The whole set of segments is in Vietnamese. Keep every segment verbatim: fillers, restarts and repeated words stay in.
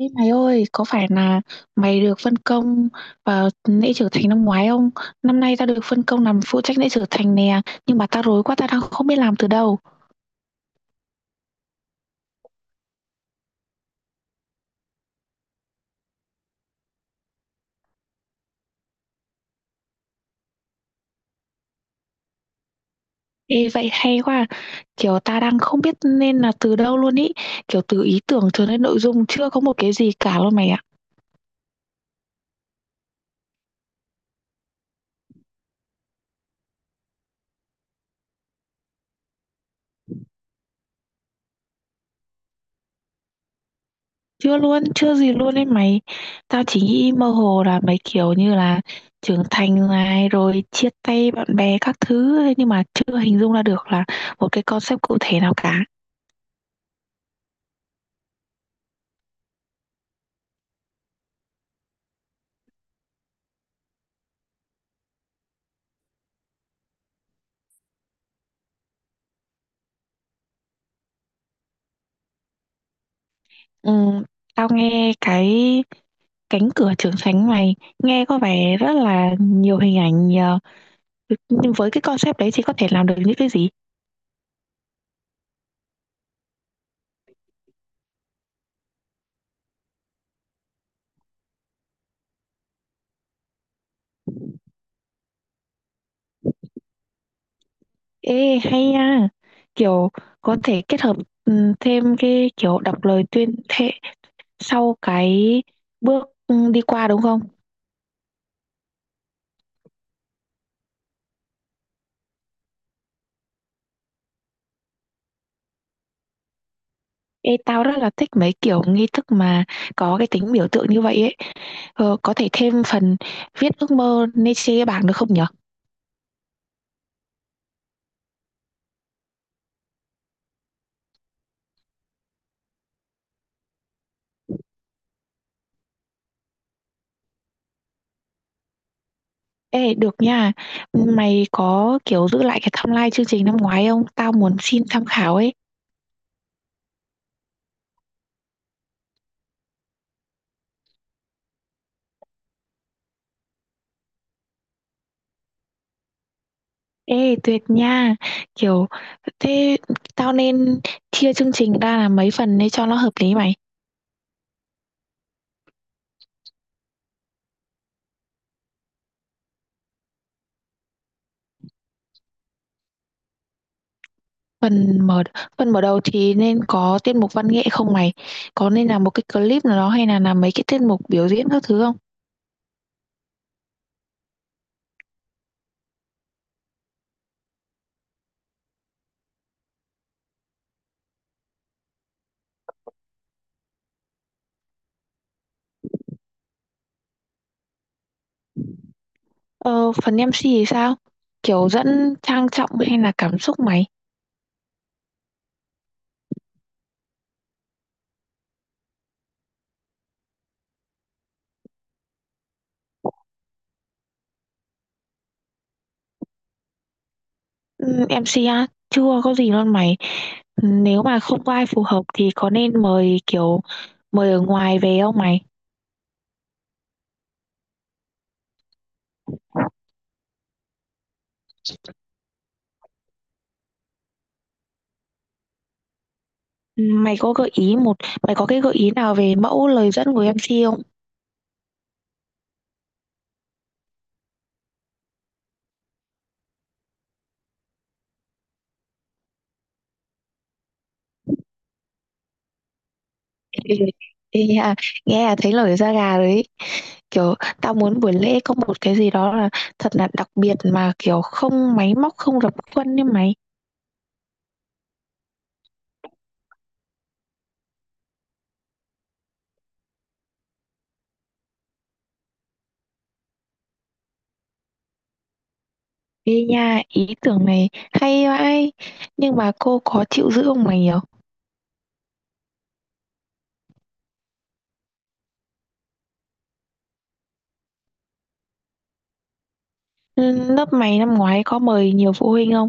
Ê mày ơi, có phải là mày được phân công vào lễ trưởng thành năm ngoái không? Năm nay tao được phân công làm phụ trách lễ trưởng thành nè, nhưng mà tao rối quá, tao đang không biết làm từ đâu. Ê vậy hay quá, à. Kiểu ta đang không biết nên là từ đâu luôn ý, kiểu từ ý tưởng cho đến nội dung chưa có một cái gì cả luôn mày ạ. Chưa luôn, chưa gì luôn ấy mày. Tao chỉ nghĩ mơ hồ là mấy kiểu như là trưởng thành này rồi chia tay bạn bè các thứ ấy, nhưng mà chưa hình dung ra được là một cái concept cụ thể nào cả. Ừ, tao nghe cái cánh cửa trưởng thành này nghe có vẻ rất là nhiều hình ảnh nhờ. Nhưng với cái concept đấy thì có thể làm được những cái gì? Ê hay nha. Kiểu có thể kết hợp ừ, thêm cái kiểu đọc lời tuyên thệ sau cái bước ừ, đi qua đúng không? Ê tao rất là thích mấy kiểu nghi thức mà có cái tính biểu tượng như vậy ấy. Ờ, có thể thêm phần viết ước mơ lên trên cái bảng được không nhỉ? Ê, được nha. Mày có kiểu giữ lại cái timeline chương trình năm ngoái không? Tao muốn xin tham khảo ấy. Ê, tuyệt nha. Kiểu, thế tao nên chia chương trình ra là mấy phần để cho nó hợp lý mày. Phần mở Phần mở đầu thì nên có tiết mục văn nghệ không mày? Có nên là một cái clip nào đó hay là làm mấy cái tiết mục biểu diễn các thứ không? Ờ, phần em xê thì sao? Kiểu dẫn trang trọng hay là cảm xúc mày? Ừ, em xê a chưa có gì luôn mày, nếu mà không có ai phù hợp thì có nên mời kiểu mời ở ngoài về không mày? Mày có gợi ý một Mày có cái gợi ý nào về mẫu lời dẫn của em MC không? Ê, ê à, nghe là thấy nổi da gà đấy, kiểu tao muốn buổi lễ có một cái gì đó là thật là đặc biệt mà kiểu không máy móc không rập khuôn như mày. Ê nha, ý tưởng này hay vãi, nhưng mà cô có chịu giữ không mày nhở? Ừ, lớp mày năm ngoái có mời nhiều phụ huynh không?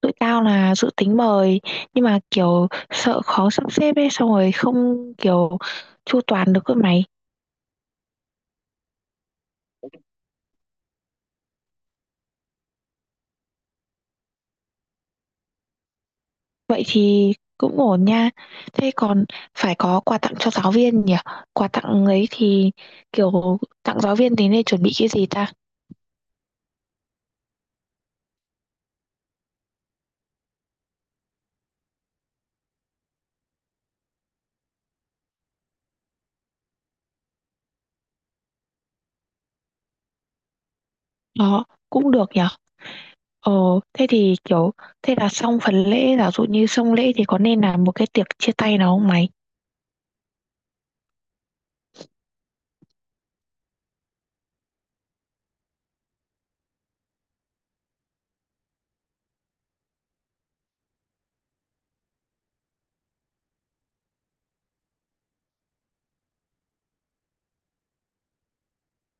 Tụi tao là dự tính mời nhưng mà kiểu sợ khó sắp xếp ấy, xong rồi không kiểu chu toàn được cơ mày. Vậy thì cũng ổn nha. Thế còn phải có quà tặng cho giáo viên nhỉ, quà tặng ấy thì kiểu tặng giáo viên thì nên chuẩn bị cái gì ta? Đó cũng được nhỉ. Ờ, thế thì kiểu thế là xong phần lễ, giả dụ như xong lễ thì có nên làm một cái tiệc chia tay nào không mày?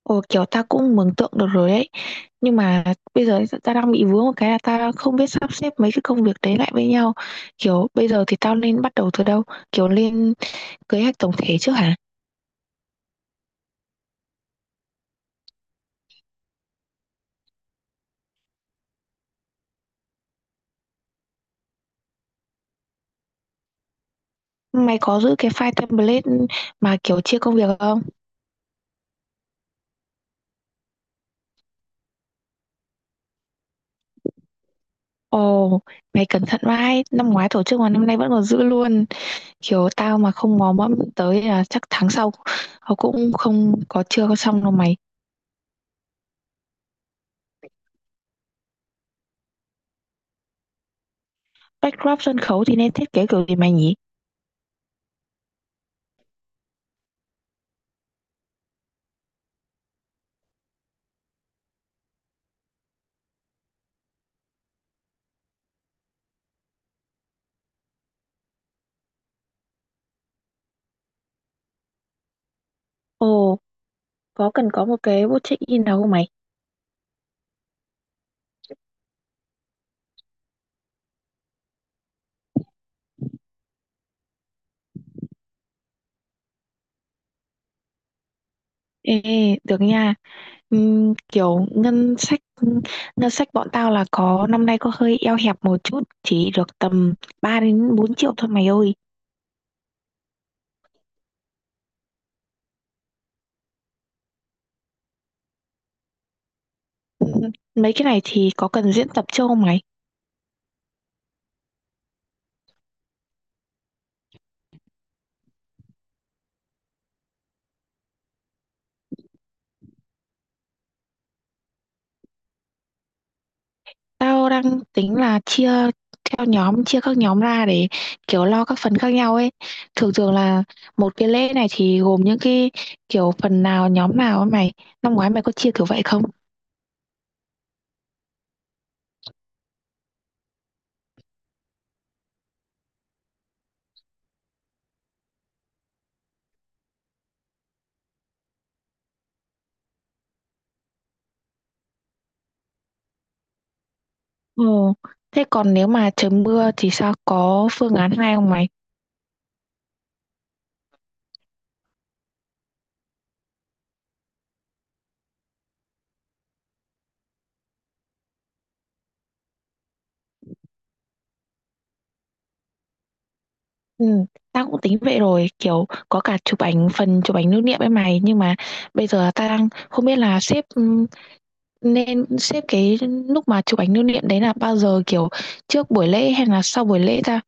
Ồ, kiểu ta cũng mường tượng được rồi ấy, nhưng mà bây giờ ta đang bị vướng một cái là ta không biết sắp xếp mấy cái công việc đấy lại với nhau, kiểu bây giờ thì tao nên bắt đầu từ đâu, kiểu lên kế hoạch tổng thể trước hả? Mày có giữ cái file template mà kiểu chia công việc không? Ồ, mày cẩn thận vãi, năm ngoái tổ chức mà năm nay vẫn còn giữ luôn, kiểu tao mà không mò mẫm tới là chắc tháng sau họ cũng không có chưa có xong đâu mày. Backdrop sân khấu thì nên thiết kế kiểu gì mày nhỉ? Ồ, có cần có một cái bộ check-in nào không mày? Ê, được nha. Ừm, kiểu ngân sách, ngân sách bọn tao là có năm nay có hơi eo hẹp một chút, chỉ được tầm ba đến bốn triệu thôi mày ơi. Ừm, Mấy cái này thì có cần diễn tập chưa không mày? Tao đang tính là chia theo nhóm, chia các nhóm ra để kiểu lo các phần khác nhau ấy. Thường thường là một cái lễ này thì gồm những cái kiểu phần nào, nhóm nào ấy mày. Năm ngoái mày có chia kiểu vậy không? Ồ, thế còn nếu mà trời mưa thì sao, có phương án hai không mày? Ừ, tao cũng tính vậy rồi, kiểu có cả chụp ảnh phần chụp ảnh lưu niệm ấy mày, nhưng mà bây giờ tao đang không biết là xếp ừm, nên xếp cái lúc mà chụp ảnh lưu niệm đấy là bao giờ, kiểu trước buổi lễ hay là sau buổi lễ ta?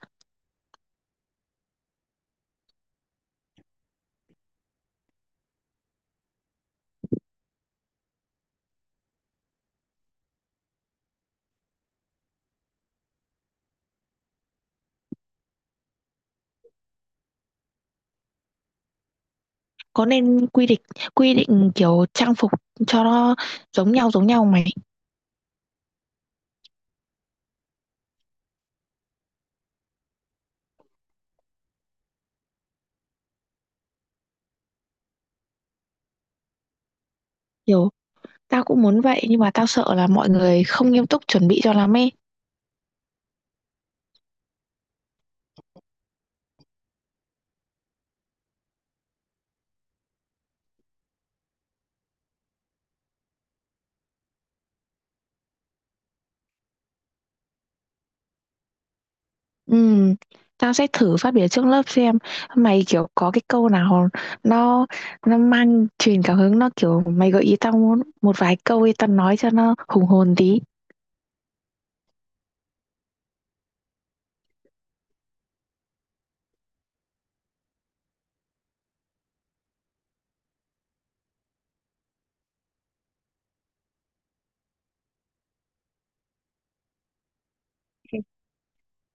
Có nên quy định quy định kiểu trang phục cho nó giống nhau giống nhau không mày? Kiểu tao cũng muốn vậy nhưng mà tao sợ là mọi người không nghiêm túc chuẩn bị cho lắm ấy. Ừ, tao sẽ thử phát biểu trước lớp xem mày, kiểu có cái câu nào nó nó mang truyền cảm hứng, nó kiểu mày gợi ý tao muốn một vài câu thì tao nói cho nó hùng hồn tí.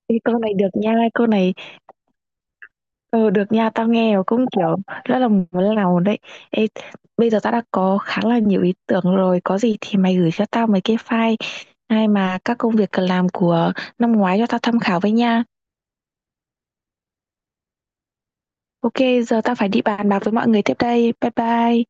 Ê, câu này được nha câu này. Ờ, được nha, tao nghe rồi cũng kiểu rất là muốn làm đấy. Ê, bây giờ tao đã có khá là nhiều ý tưởng rồi, có gì thì mày gửi cho tao mấy cái file hay mà các công việc cần làm của năm ngoái cho tao tham khảo với nha. Ok, giờ tao phải đi bàn bạc với mọi người tiếp đây, bye bye.